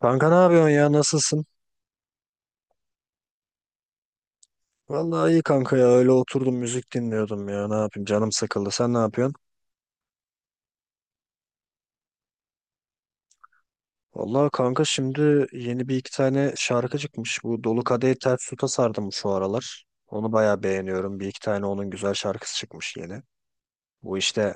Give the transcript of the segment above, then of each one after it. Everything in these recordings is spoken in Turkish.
Kanka ne yapıyorsun ya? Nasılsın? Vallahi iyi kanka ya. Öyle oturdum müzik dinliyordum ya. Ne yapayım? Canım sıkıldı. Sen ne yapıyorsun? Vallahi kanka şimdi yeni bir iki tane şarkı çıkmış. Bu Dolu Kadehi Ters Tut'a sardım şu aralar. Onu bayağı beğeniyorum. Bir iki tane onun güzel şarkısı çıkmış yeni. Bu işte.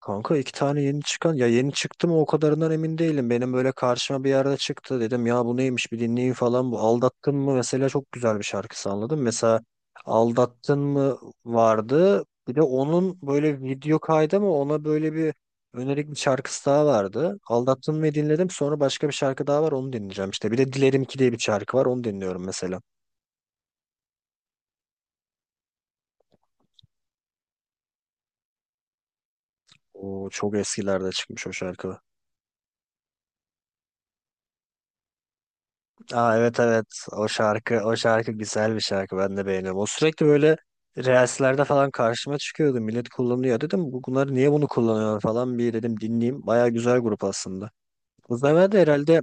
Kanka iki tane yeni çıkan ya, yeni çıktı mı o kadarından emin değilim. Benim böyle karşıma bir yerde çıktı, dedim ya bu neymiş bir dinleyeyim falan, bu Aldattın mı mesela çok güzel bir şarkısı anladım. Mesela Aldattın mı vardı, bir de onun böyle video kaydı mı, ona böyle bir önerik bir şarkısı daha vardı. Aldattın mı dinledim, sonra başka bir şarkı daha var, onu dinleyeceğim işte. Bir de Dilerim ki diye bir şarkı var, onu dinliyorum mesela. O çok eskilerde çıkmış o şarkı. Aa, evet evet, o şarkı güzel bir şarkı, ben de beğeniyorum. O sürekli böyle reelslerde falan karşıma çıkıyordu. Millet kullanıyor dedim, bunlar niye bunu kullanıyor falan," bir dedim dinleyeyim. Baya güzel grup aslında. Bu sefer de herhalde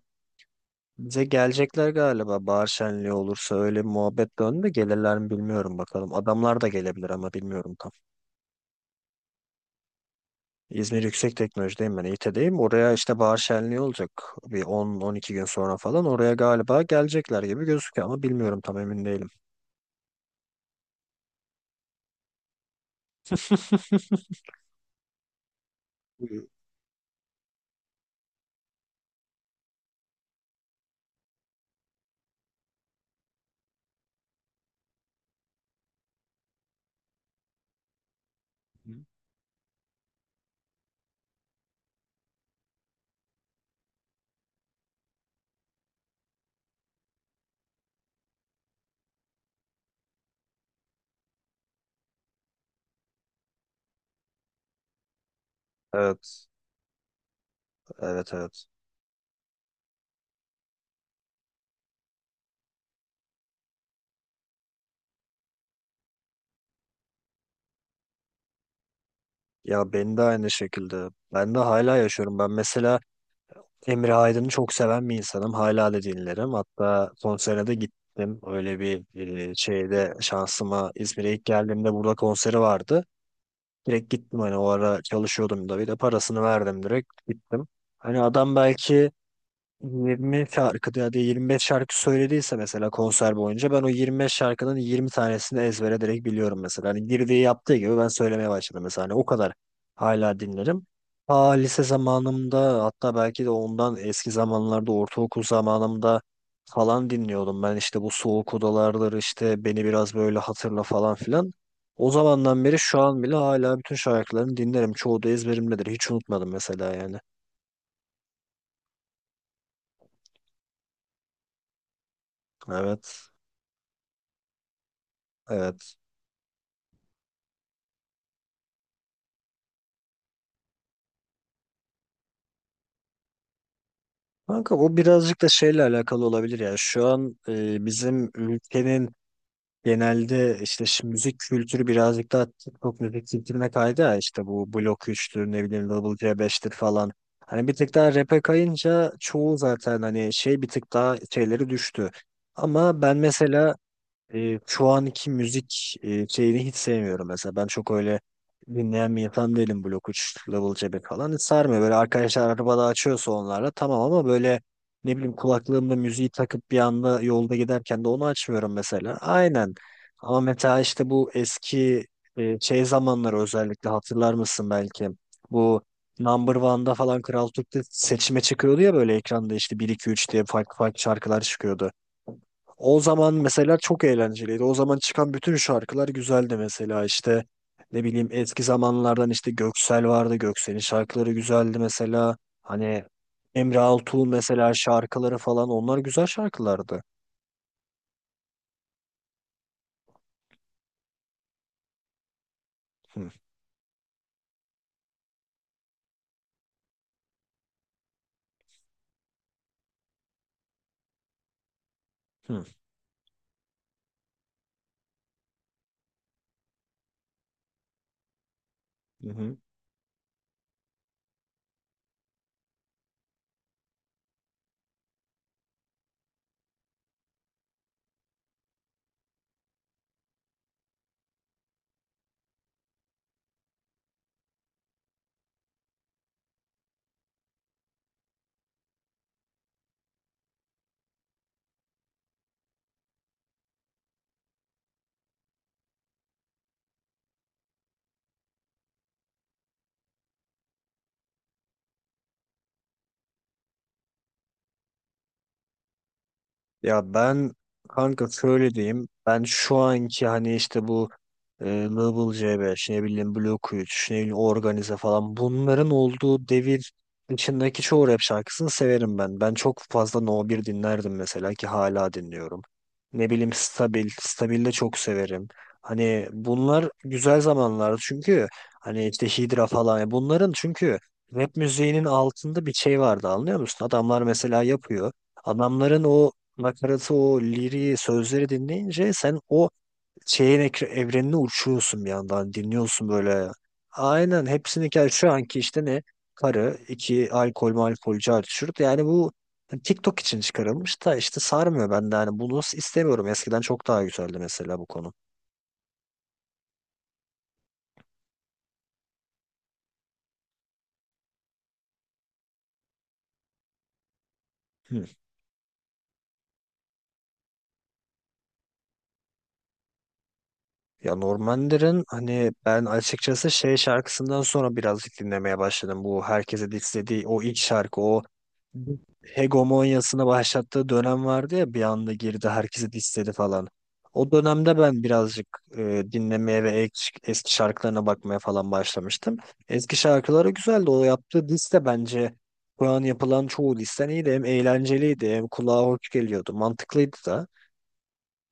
bize gelecekler galiba, bahar şenliği olursa. Öyle bir muhabbet döndü, gelirler mi bilmiyorum, bakalım. Adamlar da gelebilir ama bilmiyorum tam. İzmir Yüksek Teknoloji'deyim ben, İT'deyim. Oraya işte bahar şenliği olacak bir 10-12 gün sonra, falan oraya galiba gelecekler gibi gözüküyor ama bilmiyorum, tam emin değilim. Hı. Evet, evet, evet. Ya ben de aynı şekilde. Ben de hala yaşıyorum. Ben mesela Emre Aydın'ı çok seven bir insanım. Hala da dinlerim. Hatta konserine de gittim. Öyle bir şeyde, şansıma İzmir'e ilk geldiğimde burada konseri vardı. Direkt gittim, hani o ara çalışıyordum da, bir de parasını verdim, direkt gittim. Hani adam belki 20 şarkı ya da 25 şarkı söylediyse mesela, konser boyunca ben o 25 şarkının 20 tanesini ezbere direkt biliyorum mesela. Hani girdiği yaptığı gibi ben söylemeye başladım mesela. Hani o kadar, hala dinlerim. Ta lise zamanımda, hatta belki de ondan eski zamanlarda, ortaokul zamanımda falan dinliyordum. Ben işte bu soğuk odalardır işte, beni biraz böyle hatırla falan filan. O zamandan beri şu an bile hala bütün şarkılarını dinlerim. Çoğu da ezberimdedir. Hiç unutmadım mesela yani. Evet. Evet. Kanka bu birazcık da şeyle alakalı olabilir ya. Şu an bizim ülkenin genelde işte şu müzik kültürü birazcık daha TikTok müzik kültürüne kaydı ya. İşte bu Blok 3'tür, ne bileyim Double C5'tir falan. Hani bir tık daha rap'e kayınca çoğu zaten hani şey, bir tık daha şeyleri düştü. Ama ben mesela şu anki müzik şeyini hiç sevmiyorum mesela. Ben çok öyle dinleyen bir insan değilim. Blok 3, Level C5 falan hiç sarmıyor. Böyle arkadaşlar arabada açıyorsa onlarla tamam, ama böyle ne bileyim kulaklığımda müziği takıp bir anda yolda giderken de onu açmıyorum mesela. Aynen. Ama mesela işte bu eski şey zamanları özellikle hatırlar mısın belki? Bu Number One'da falan, Kral Türk'te seçime çıkıyordu ya böyle ekranda, işte bir 2 3 diye farklı farklı şarkılar çıkıyordu. O zaman mesela çok eğlenceliydi. O zaman çıkan bütün şarkılar güzeldi mesela. İşte ne bileyim, eski zamanlardan işte Göksel vardı. Göksel'in şarkıları güzeldi mesela. Hani Emre Altuğ mesela, şarkıları falan, onlar güzel şarkılardı. Hı hı. Hı hı. Ya ben kanka şöyle diyeyim. Ben şu anki hani işte bu Global C5, ne bileyim Blok 3, ne bileyim Organize falan, bunların olduğu devir içindeki çoğu rap şarkısını severim ben. Ben çok fazla No 1 dinlerdim mesela, ki hala dinliyorum. Ne bileyim Stabil, Stabil de çok severim. Hani bunlar güzel zamanlardı, çünkü hani işte Hydra falan, bunların çünkü rap müziğinin altında bir şey vardı, anlıyor musun? Adamlar mesela yapıyor. Adamların o nakaratı, o liriği, sözleri dinleyince sen o şeyin evrenine uçuyorsun, bir yandan dinliyorsun böyle. Aynen hepsini. Gel şu anki işte, ne karı iki alkol malkol car çurt, yani bu hani TikTok için çıkarılmış da, işte sarmıyor bende yani, bunu istemiyorum. Eskiden çok daha güzeldi mesela bu konu. Hı. Ya Normander'in, hani ben açıkçası şey şarkısından sonra birazcık dinlemeye başladım. Bu herkese dislediği o ilk şarkı, o hegemonyasını başlattığı dönem vardı ya, bir anda girdi, herkesi dissedi falan. O dönemde ben birazcık dinlemeye ve eski şarkılarına bakmaya falan başlamıştım. Eski şarkıları güzeldi. O yaptığı liste bence şu an yapılan çoğu listen iyiydi. Hem eğlenceliydi, hem kulağa hoş geliyordu. Mantıklıydı da.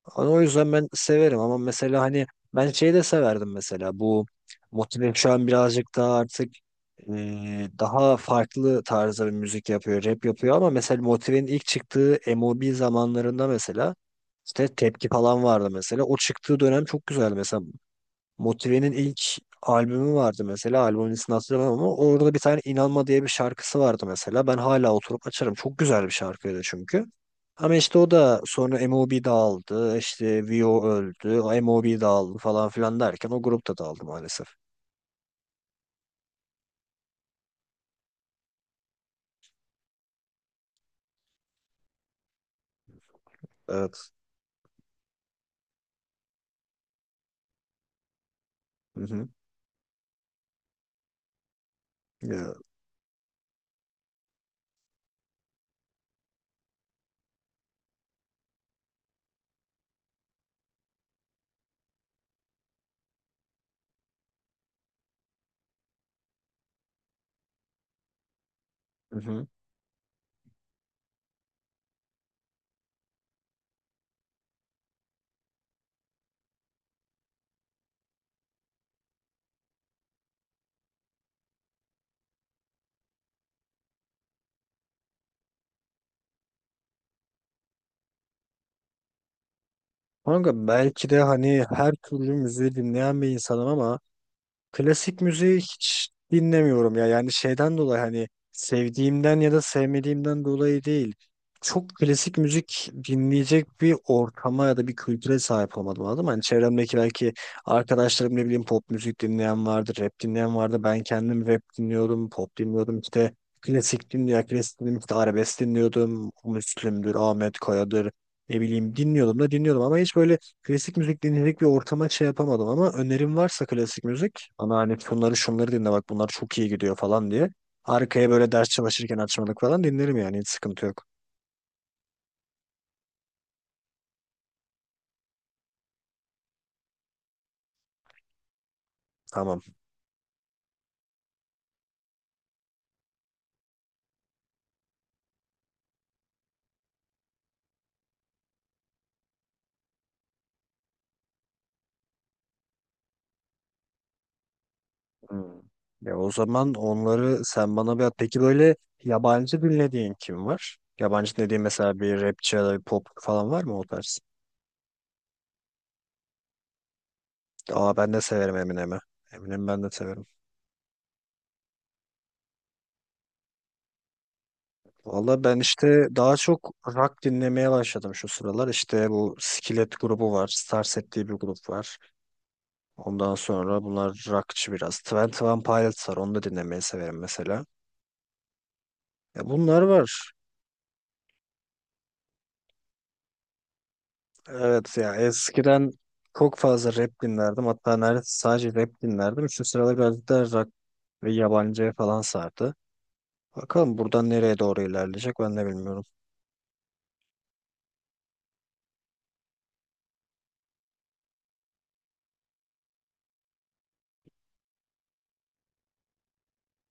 Hani o yüzden ben severim, ama mesela hani ben şeyi de severdim mesela. Bu Motive şu an birazcık daha artık e, daha farklı tarzda bir müzik yapıyor, rap yapıyor, ama mesela Motive'nin ilk çıktığı MOB zamanlarında mesela işte Tepki falan vardı mesela. O çıktığı dönem çok güzel mesela. Motive'nin ilk albümü vardı mesela. Albümün ismini hatırlamam, ama orada bir tane İnanma diye bir şarkısı vardı mesela. Ben hala oturup açarım. Çok güzel bir şarkıydı çünkü. Ama işte o da sonra MOB dağıldı, işte Vio öldü, MOB dağıldı falan filan derken o grup da dağıldı maalesef. Evet. Hı hı. Ya, hı hı. Kanka belki de hani her türlü müziği dinleyen bir insanım, ama klasik müziği hiç dinlemiyorum ya. Yani şeyden dolayı, hani sevdiğimden ya da sevmediğimden dolayı değil. Çok klasik müzik dinleyecek bir ortama ya da bir kültüre sahip olmadım, anladın mı? Hani çevremdeki belki arkadaşlarım, ne bileyim, pop müzik dinleyen vardı, rap dinleyen vardı. Ben kendim rap dinliyordum, pop dinliyordum işte. Klasik dinliyordum, işte arabesk dinliyordum. Müslüm'dür, Ahmet Kaya'dır. Ne bileyim dinliyordum da dinliyordum, ama hiç böyle klasik müzik dinledik bir ortama şey yapamadım. Ama önerim varsa klasik müzik, ama hani şunları şunları dinle, bak bunlar çok iyi gidiyor falan diye. Arkaya böyle ders çalışırken açmalık falan dinlerim yani, hiç sıkıntı yok. Tamam. Hmm. Ya o zaman onları sen bana bir at. Peki böyle yabancı dinlediğin kim var? Yabancı dediğin mesela, bir rapçi ya da bir pop falan var mı o tarz? Aa, ben de severim Eminem'i. Eminem'i ben de severim. Valla ben işte daha çok rock dinlemeye başladım şu sıralar. İşte bu Skillet grubu var. Starset diye bir grup var. Ondan sonra bunlar rockçı biraz. Twenty One Pilots var. Onu da dinlemeyi severim mesela. Ya bunlar var. Evet ya, eskiden çok fazla rap dinlerdim. Hatta neredeyse sadece rap dinlerdim. Şu sıralar biraz da rock ve yabancı falan sardı. Bakalım buradan nereye doğru ilerleyecek, ben de bilmiyorum.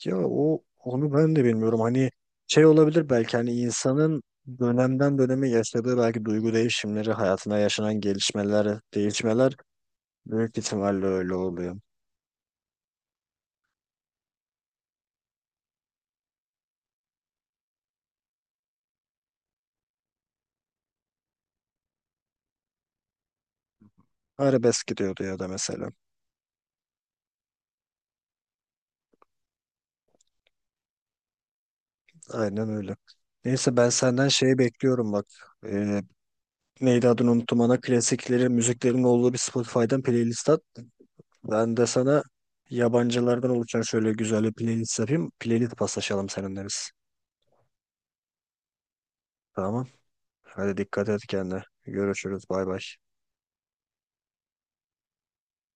Ya o, onu ben de bilmiyorum. Hani şey olabilir belki, hani insanın dönemden döneme yaşadığı belki duygu değişimleri, hayatına yaşanan gelişmeler, değişmeler, büyük ihtimalle öyle oluyor. Arabesk gidiyordu ya da mesela. Aynen öyle. Neyse, ben senden şeyi bekliyorum bak. Ee, Neydi adını unuttum, ana klasikleri, müziklerin olduğu bir Spotify'dan playlist at. Ben de sana yabancılardan oluşan şöyle güzel bir playlist yapayım. Playlist paslaşalım seninle biz. Tamam. Hadi dikkat et kendine. Görüşürüz. Bay bay.